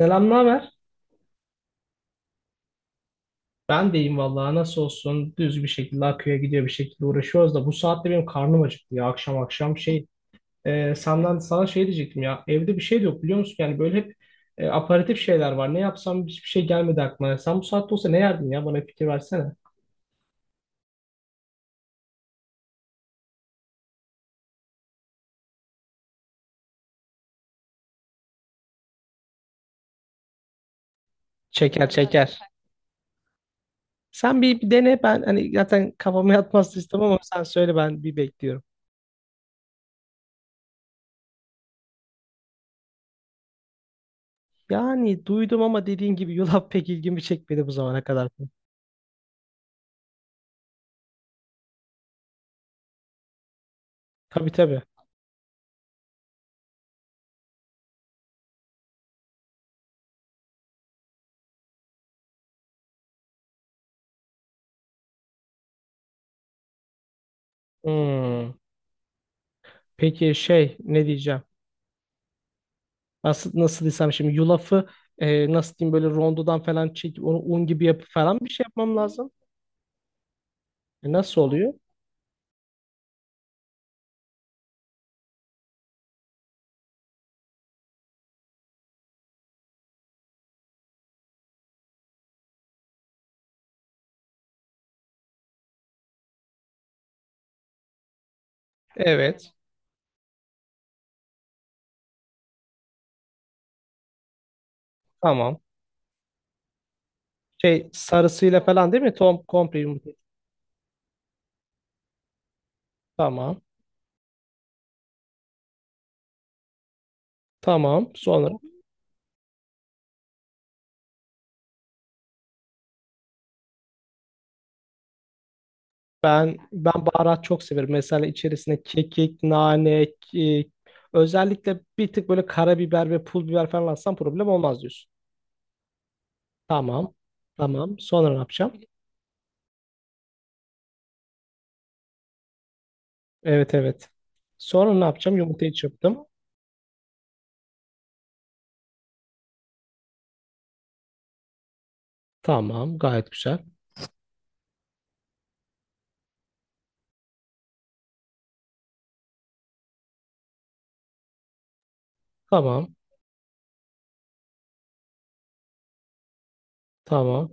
Selam, ne haber? Ben deyim vallahi nasıl olsun düz bir şekilde akıyor gidiyor bir şekilde uğraşıyoruz da bu saatte benim karnım acıktı ya akşam akşam şey senden sana şey diyecektim ya evde bir şey de yok biliyor musun yani böyle hep aparatif şeyler var ne yapsam hiçbir şey gelmedi aklıma sen bu saatte olsa ne yerdin ya bana bir fikir versene. Çeker çeker. Sen bir dene ben hani zaten kafama yatmaz istemem ama sen söyle ben bir bekliyorum. Yani duydum ama dediğin gibi yulaf pek ilgimi çekmedi bu zamana kadar. Tabii tabii. Hmm. Peki şey ne diyeceğim? Nasıl desem şimdi yulafı nasıl diyeyim böyle rondodan falan çekip onu un gibi yapıp falan bir şey yapmam lazım. Nasıl oluyor? Evet. Tamam. Şey sarısıyla falan değil mi? Tom komple yumurta. Tamam. Tamam. Sonra ben ben baharat çok severim. Mesela içerisine kekik, nane, e, özellikle bir tık böyle karabiber ve pul biber falan atsam problem olmaz diyorsun. Tamam. Tamam. Sonra ne yapacağım? Evet evet. Sonra ne yapacağım? Yumurtayı çırptım. Tamam. Gayet güzel. Tamam. Tamam.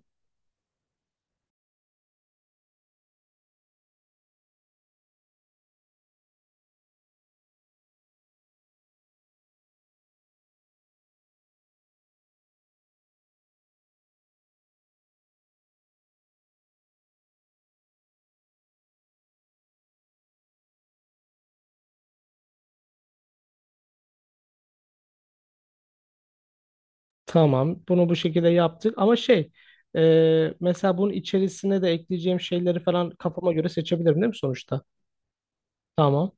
Tamam. Bunu bu şekilde yaptık. Ama şey mesela bunun içerisine de ekleyeceğim şeyleri falan kafama göre seçebilirim değil mi sonuçta? Tamam.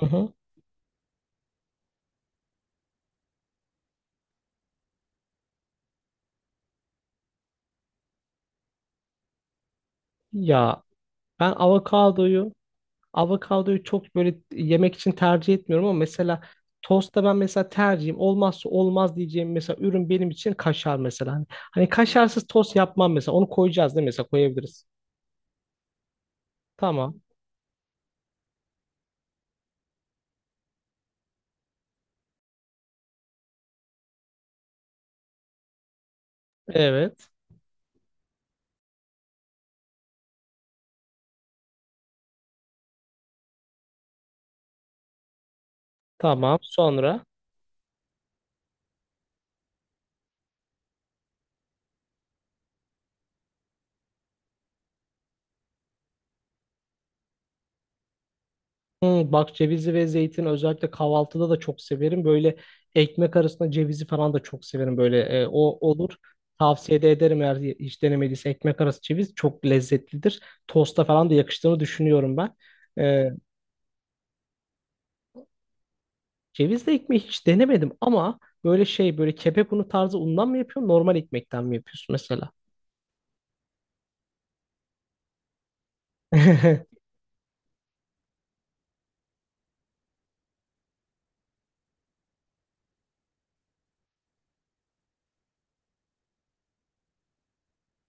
Hı hı. Ya ben avokadoyu çok böyle yemek için tercih etmiyorum ama mesela tostta ben mesela tercihim olmazsa olmaz diyeceğim mesela ürün benim için kaşar mesela. Hani kaşarsız tost yapmam mesela. Onu koyacağız değil mi? Mesela koyabiliriz. Tamam. Evet. Tamam. Sonra. Hmm, bak cevizi ve zeytin özellikle kahvaltıda da çok severim. Böyle ekmek arasında cevizi falan da çok severim. Böyle o olur. Tavsiye de ederim eğer hiç denemediyse ekmek arası ceviz çok lezzetlidir. Tosta falan da yakıştığını düşünüyorum ben. E, Cevizli ekmeği hiç denemedim ama böyle şey böyle kepek unu tarzı undan mı yapıyorsun normal ekmekten mi yapıyorsun mesela?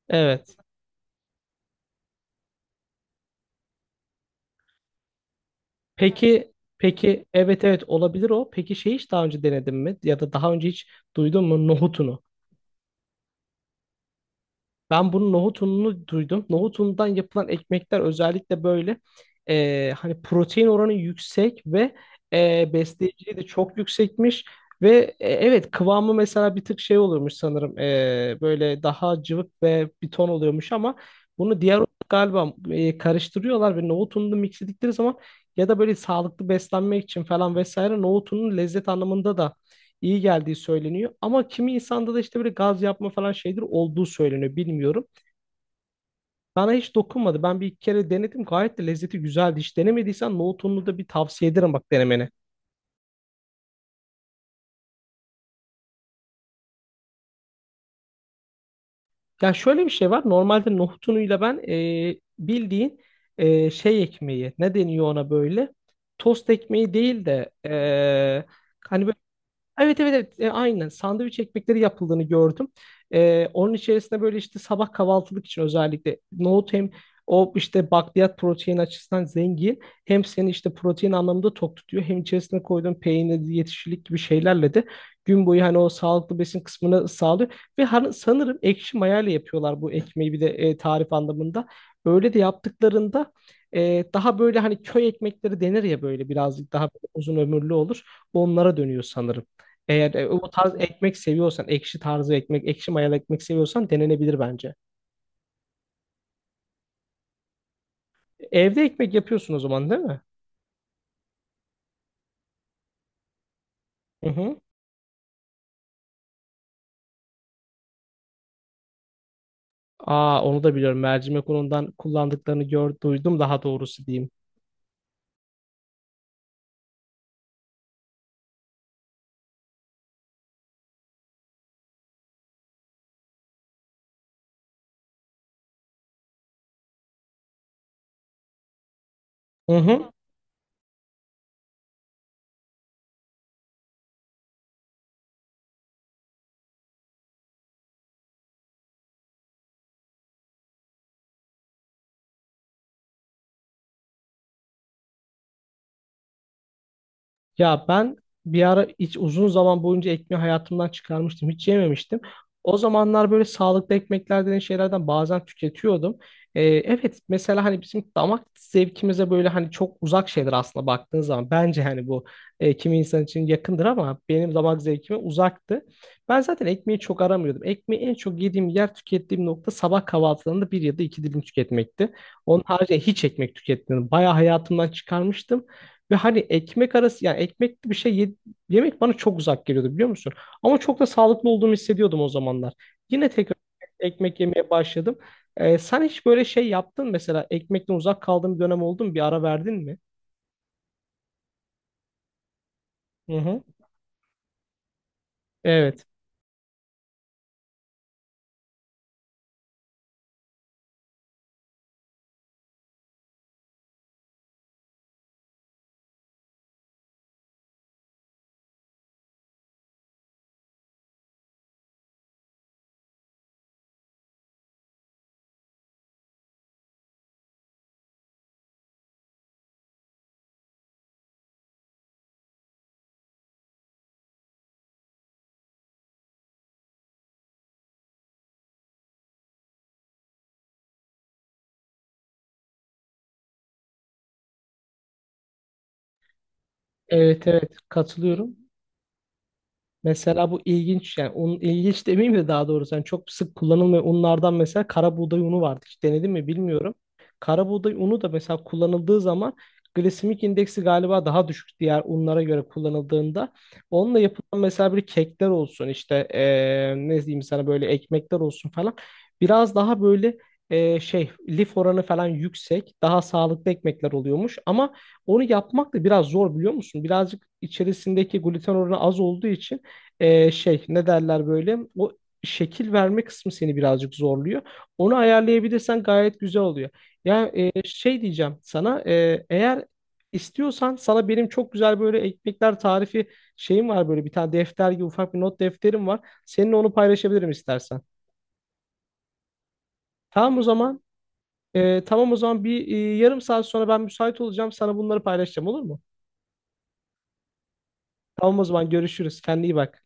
Evet. Peki peki evet evet olabilir o. Peki şey hiç daha önce denedin mi? Ya da daha önce hiç duydun mu nohutunu? Ben bunun nohut ununu duydum. Nohut unundan yapılan ekmekler özellikle böyle hani protein oranı yüksek ve besleyiciliği de çok yüksekmiş. Ve evet kıvamı mesela bir tık şey oluyormuş sanırım. Böyle daha cıvık ve bir ton oluyormuş ama bunu diğer un galiba karıştırıyorlar ve nohut ununu mix ettikleri zaman ya da böyle sağlıklı beslenmek için falan vesaire nohut ununun lezzet anlamında da iyi geldiği söyleniyor. Ama kimi insanda da işte böyle gaz yapma falan şeydir olduğu söyleniyor bilmiyorum. Bana hiç dokunmadı. Ben bir iki kere denedim. Gayet de lezzeti güzeldi. Hiç denemediysen nohutunlu da bir tavsiye ederim bak denemene. Ya şöyle bir şey var. Normalde nohutunuyla ben bildiğin şey ekmeği ne deniyor ona böyle? Tost ekmeği değil de hani evet evet evet aynen sandviç ekmekleri yapıldığını gördüm. Onun içerisinde böyle işte sabah kahvaltılık için özellikle nohut hem o işte bakliyat protein açısından zengin hem seni işte protein anlamında tok tutuyor hem içerisine koyduğun peynir yetişilik gibi şeylerle de gün boyu hani o sağlıklı besin kısmını sağlıyor ve hani sanırım ekşi mayayla yapıyorlar bu ekmeği bir de tarif anlamında. Öyle de yaptıklarında daha böyle hani köy ekmekleri denir ya böyle birazcık daha uzun ömürlü olur. Onlara dönüyor sanırım. Eğer o tarz ekmek seviyorsan, ekşi tarzı ekmek, ekşi mayalı ekmek seviyorsan denenebilir bence. Evde ekmek yapıyorsun o zaman değil mi? Hı hı. Aa onu da biliyorum. Mercimek unundan kullandıklarını duydum daha doğrusu diyeyim. Hı hı. Ya ben bir ara hiç uzun zaman boyunca ekmeği hayatımdan çıkarmıştım. Hiç yememiştim. O zamanlar böyle sağlıklı ekmekler denen şeylerden bazen tüketiyordum. Evet mesela hani bizim damak zevkimize böyle hani çok uzak şeyler aslında baktığın zaman. Bence hani bu kimi insan için yakındır ama benim damak zevkime uzaktı. Ben zaten ekmeği çok aramıyordum. Ekmeği en çok yediğim yer tükettiğim nokta sabah kahvaltılarında bir ya da iki dilim tüketmekti. Onun haricinde hiç ekmek tüketmedim. Bayağı hayatımdan çıkarmıştım. Ve hani ekmek arası yani ekmekli bir şey yemek bana çok uzak geliyordu biliyor musun? Ama çok da sağlıklı olduğumu hissediyordum o zamanlar. Yine tekrar ekmek yemeye başladım. Sen hiç böyle şey yaptın mesela ekmekten uzak kaldığın bir dönem oldu mu? Bir ara verdin mi? Hı hı. Evet. Evet evet katılıyorum. Mesela bu ilginç yani onun ilginç demeyeyim de daha doğrusu yani çok sık kullanılmayan unlardan mesela kara buğday unu vardı. Hiç denedin mi bilmiyorum. Kara buğday unu da mesela kullanıldığı zaman glisemik indeksi galiba daha düşük diğer unlara göre kullanıldığında. Onunla yapılan mesela bir kekler olsun işte ne diyeyim sana böyle ekmekler olsun falan. Biraz daha böyle şey lif oranı falan yüksek daha sağlıklı ekmekler oluyormuş. Ama onu yapmak da biraz zor biliyor musun? Birazcık içerisindeki gluten oranı az olduğu için şey ne derler böyle o şekil verme kısmı seni birazcık zorluyor. Onu ayarlayabilirsen gayet güzel oluyor. Ya şey diyeceğim sana eğer istiyorsan sana benim çok güzel böyle ekmekler tarifi şeyim var böyle bir tane defter gibi ufak bir not defterim var. Seninle onu paylaşabilirim istersen. Tamam o zaman. Tamam o zaman bir yarım saat sonra ben müsait olacağım. Sana bunları paylaşacağım olur mu? Tamam o zaman görüşürüz. Kendine iyi bak.